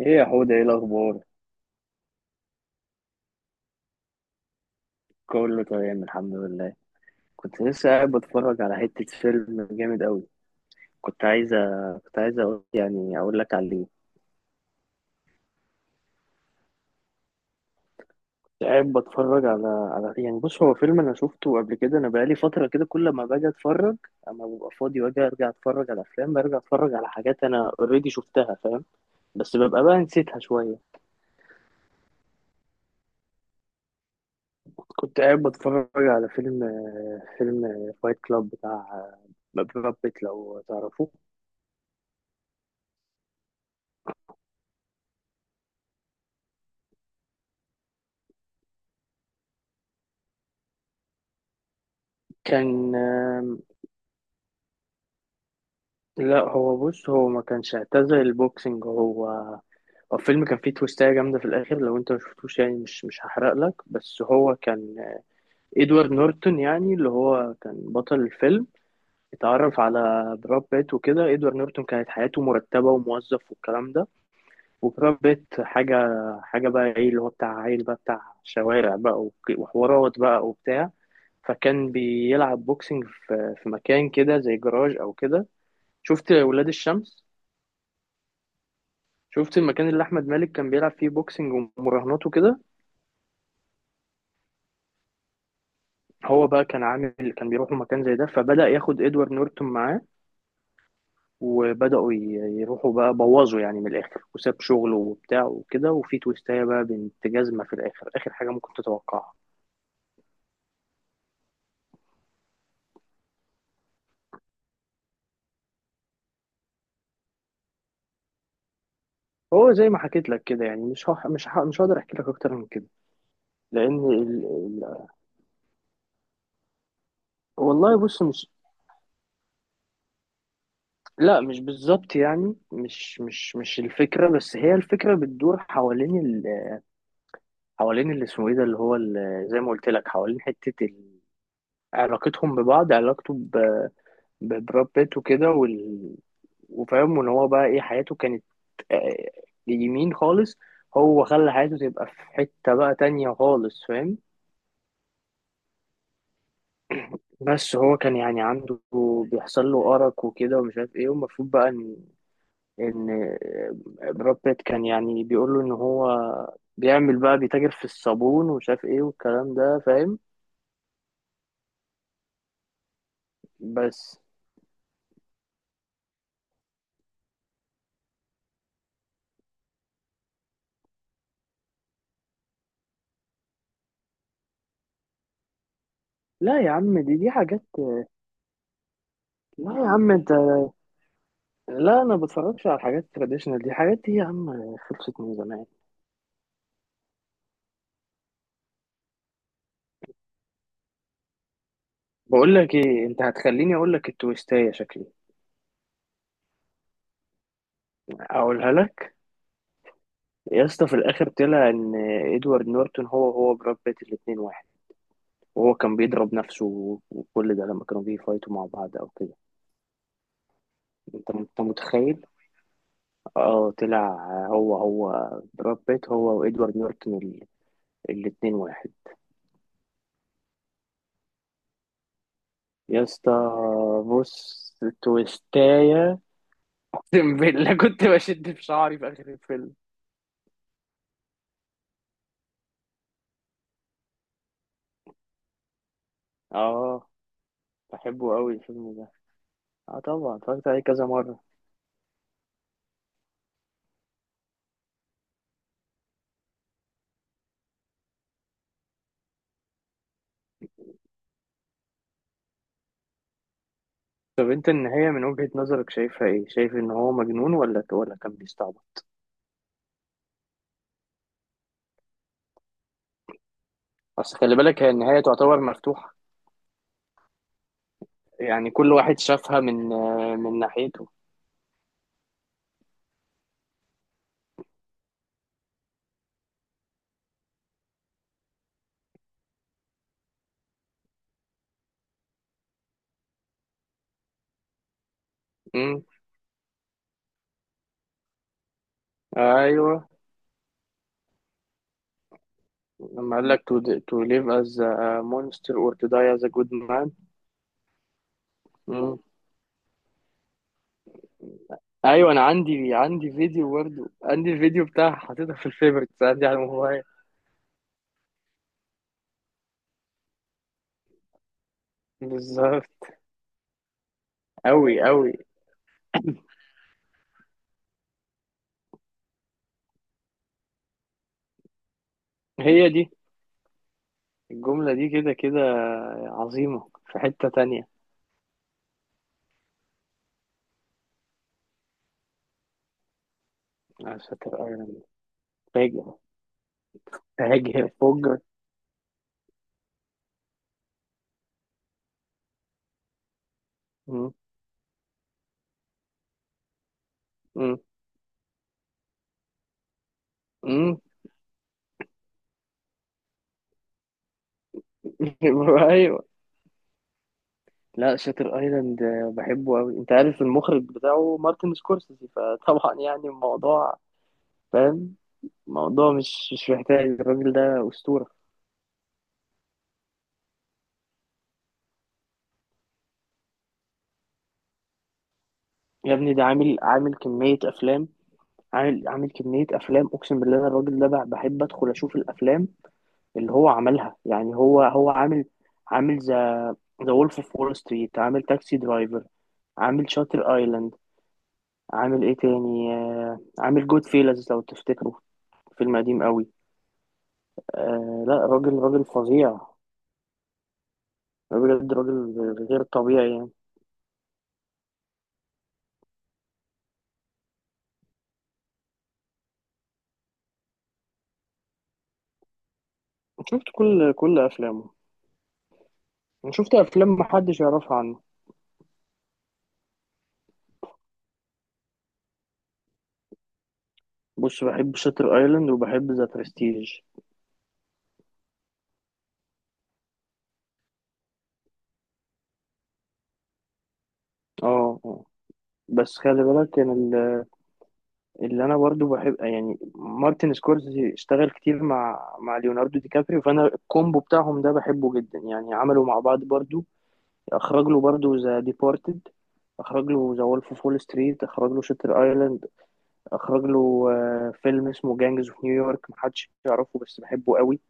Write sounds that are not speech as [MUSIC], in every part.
ايه يا حوده، ايه الاخبار؟ كله تمام الحمد لله. كنت لسه قاعد بتفرج على حته فيلم جامد قوي. كنت عايزه كنت عايزه أقول يعني اقول لك عليه. قاعد بتفرج على يعني بص، هو فيلم انا شفته قبل كده، انا بقالي فتره كده كل ما باجي اتفرج اما ببقى فاضي واجي ارجع اتفرج على افلام، برجع اتفرج على حاجات انا اوريدي شفتها فاهم، بس ببقى بقى نسيتها شويه. كنت قاعد بتفرج على فيلم فايت كلاب بتاع براد بيت لو تعرفوه. كان لا هو بص، هو ما كانش اعتزل البوكسنج. هو هو الفيلم كان فيه تويستاية جامدة في الآخر، لو أنت مشفتوش يعني مش هحرق لك، بس هو كان إدوارد نورتون يعني، اللي هو كان بطل الفيلم. اتعرف على براد بيت وكده. إدوارد نورتون كانت حياته مرتبة وموظف والكلام ده، وبراد بيت حاجة بقى، إيه اللي هو بتاع عيل بقى، بتاع شوارع بقى وحوارات بقى وبتاع. فكان بيلعب بوكسنج في مكان كده زي جراج أو كده. شفت ولاد الشمس؟ شفت المكان اللي احمد مالك كان بيلعب فيه بوكسنج ومراهنات وكده. هو بقى كان عامل، كان بيروحوا مكان زي ده، فبدأ ياخد ادوارد نورتون معاه. وبدأوا ي- يروحوا بقى، بوظوا يعني من الاخر، وساب شغله وبتاع وكده، وفي تويستايه بقى بنت جزمه في الاخر، اخر حاجه ممكن تتوقعها. هو زي ما حكيت لك كده يعني مش هح... مش ه... مش هقدر احكي لك اكتر من كده. لان ال... ال... والله بص، مش، لا مش بالظبط يعني، مش الفكره، بس هي الفكره بتدور حوالين، حوالين اللي اسمه ايه ده، اللي هو زي ما قلت لك، حوالين حتة علاقتهم ببعض، علاقته ببراد بيت وكده وفاهم ان هو بقى ايه حياته كانت. آه، يمين خالص. هو خلى حياته تبقى في حتة بقى تانية خالص فاهم. بس هو كان يعني عنده بيحصل له أرق وكده ومش عارف ايه، والمفروض بقى ان ان براد بيت كان يعني بيقول له ان هو بيعمل بقى، بيتاجر في الصابون ومش عارف ايه والكلام ده فاهم. بس لا يا عم، دي حاجات، لا يا عم انت، لا انا بتفرجش على الحاجات التراديشنال دي، حاجات دي يا عم خلصت من زمان. بقول لك ايه، انت هتخليني اقول لك التويستايه شكلي. اقولها لك. يا اسطى، في الاخر طلع ان ادوارد نورتون هو براد بيت، الاتنين واحد. وهو كان بيضرب نفسه وكل ده لما كانوا بيفايتوا مع بعض او كده. انت انت متخيل؟ اه طلع، هو هو براد بيت هو وادوارد نورتون، الاتنين واحد. يا اسطى بص، تويستاية اقسم بالله كنت بشد في شعري في اخر الفيلم. اه، بحبه قوي الفيلم ده. اه طبعا اتفرجت عليه كذا مره. طب انت النهايه من وجهه نظرك شايفها ايه، شايف ان هو مجنون ولا كان بيستعبط؟ اصل خلي بالك هي النهايه تعتبر مفتوحه، يعني كل واحد شافها من من ناحيته. امم، ايوه. لما قال لك to, to live as a monster or to die as a good man. امم، ايوه. انا عندي فيديو برضه، عندي الفيديو بتاعها حاططها في الفيفوريتس عندي على الموبايل. بالظبط. أوي أوي. هي دي، الجملة دي كده كده عظيمة في حتة تانية. عشان تبقى فاجر. فاجر فجر. مم. مم. مم. [LAUGHS] أيوة. لا شاتر ايلاند، بحبه أوي. أنت عارف المخرج بتاعه مارتن سكورسيزي، فطبعا يعني الموضوع فاهم، الموضوع مش مش محتاج، الراجل ده أسطورة. يا ابني ده عامل كمية أفلام، عامل كمية أفلام أقسم بالله. أنا الراجل ده بحب أدخل أشوف الأفلام اللي هو عملها يعني. هو عامل، عامل ذا وولف اوف وول ستريت، عامل تاكسي درايفر، عامل شاتر ايلاند، عامل ايه تاني، عامل جود فيلز لو تفتكروا، فيلم قديم قوي. آه لا، راجل راجل فظيع، بجد راجل غير طبيعي يعني. شفت كل افلامه، شفت افلام محدش يعرفها عنه. بص، بحب شاتر ايلاند وبحب ذا برستيج. اه. آه. بس خلي بالك ان اللي انا برضو بحب يعني، مارتن سكورسي اشتغل كتير مع ليوناردو دي كابريو، فانا الكومبو بتاعهم ده بحبه جدا يعني. عملوا مع بعض برضو، اخرج له برضو ذا ديبارتد، اخرج له ذا وولف اوف وول ستريت، اخرج له شاتر ايلاند، اخرج له فيلم اسمه جانجز اوف نيويورك محدش يعرفه بس بحبه قوي،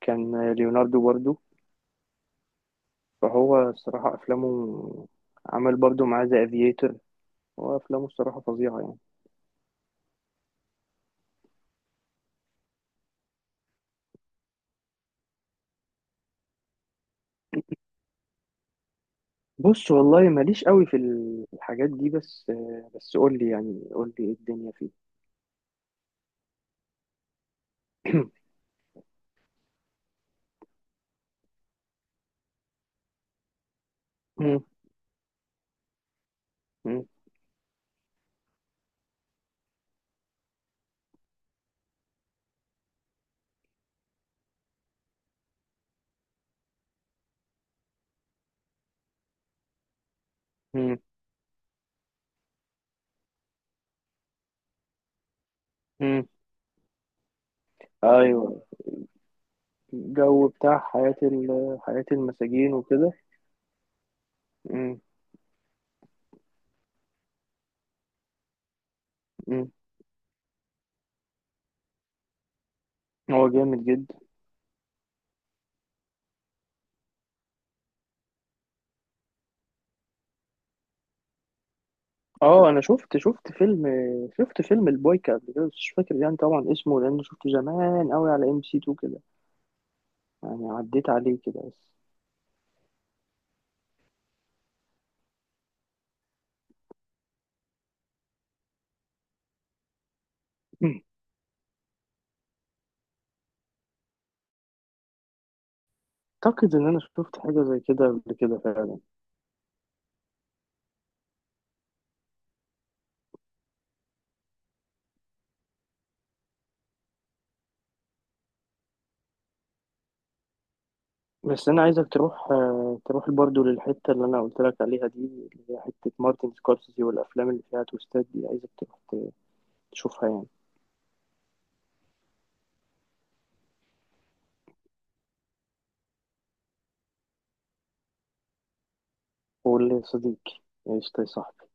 كان ليوناردو برضو. فهو الصراحة افلامه، عمل برضو معاه ذا افييتر. هو افلامه الصراحة فظيعة يعني. بص والله ماليش قوي في الحاجات دي، بس بس قول لي يعني، قول لي ايه الدنيا فيه. [CLEARS THROAT] مم، مم، مم، مم. ايوه الجو بتاع حياة حياة المساجين وكده. مم، مم. هو جامد جدا. اه انا شفت فيلم البويكا قبل كده، بس مش فاكر يعني طبعا اسمه لانه شفته زمان قوي على ام سي 2 كده، يعني عديت عليه كده بس. [CLEARS THROAT] اعتقد انا شفت حاجة زي كده قبل كده فعلا. بس انا عايزك تروح، تروح برضو للحته اللي انا قلت لك عليها دي، اللي هي حته مارتن سكورسيزي والافلام اللي فيها تويستات دي، عايزك تروح تشوفها يعني. قول لي صديقي، ايش يا صاحبي؟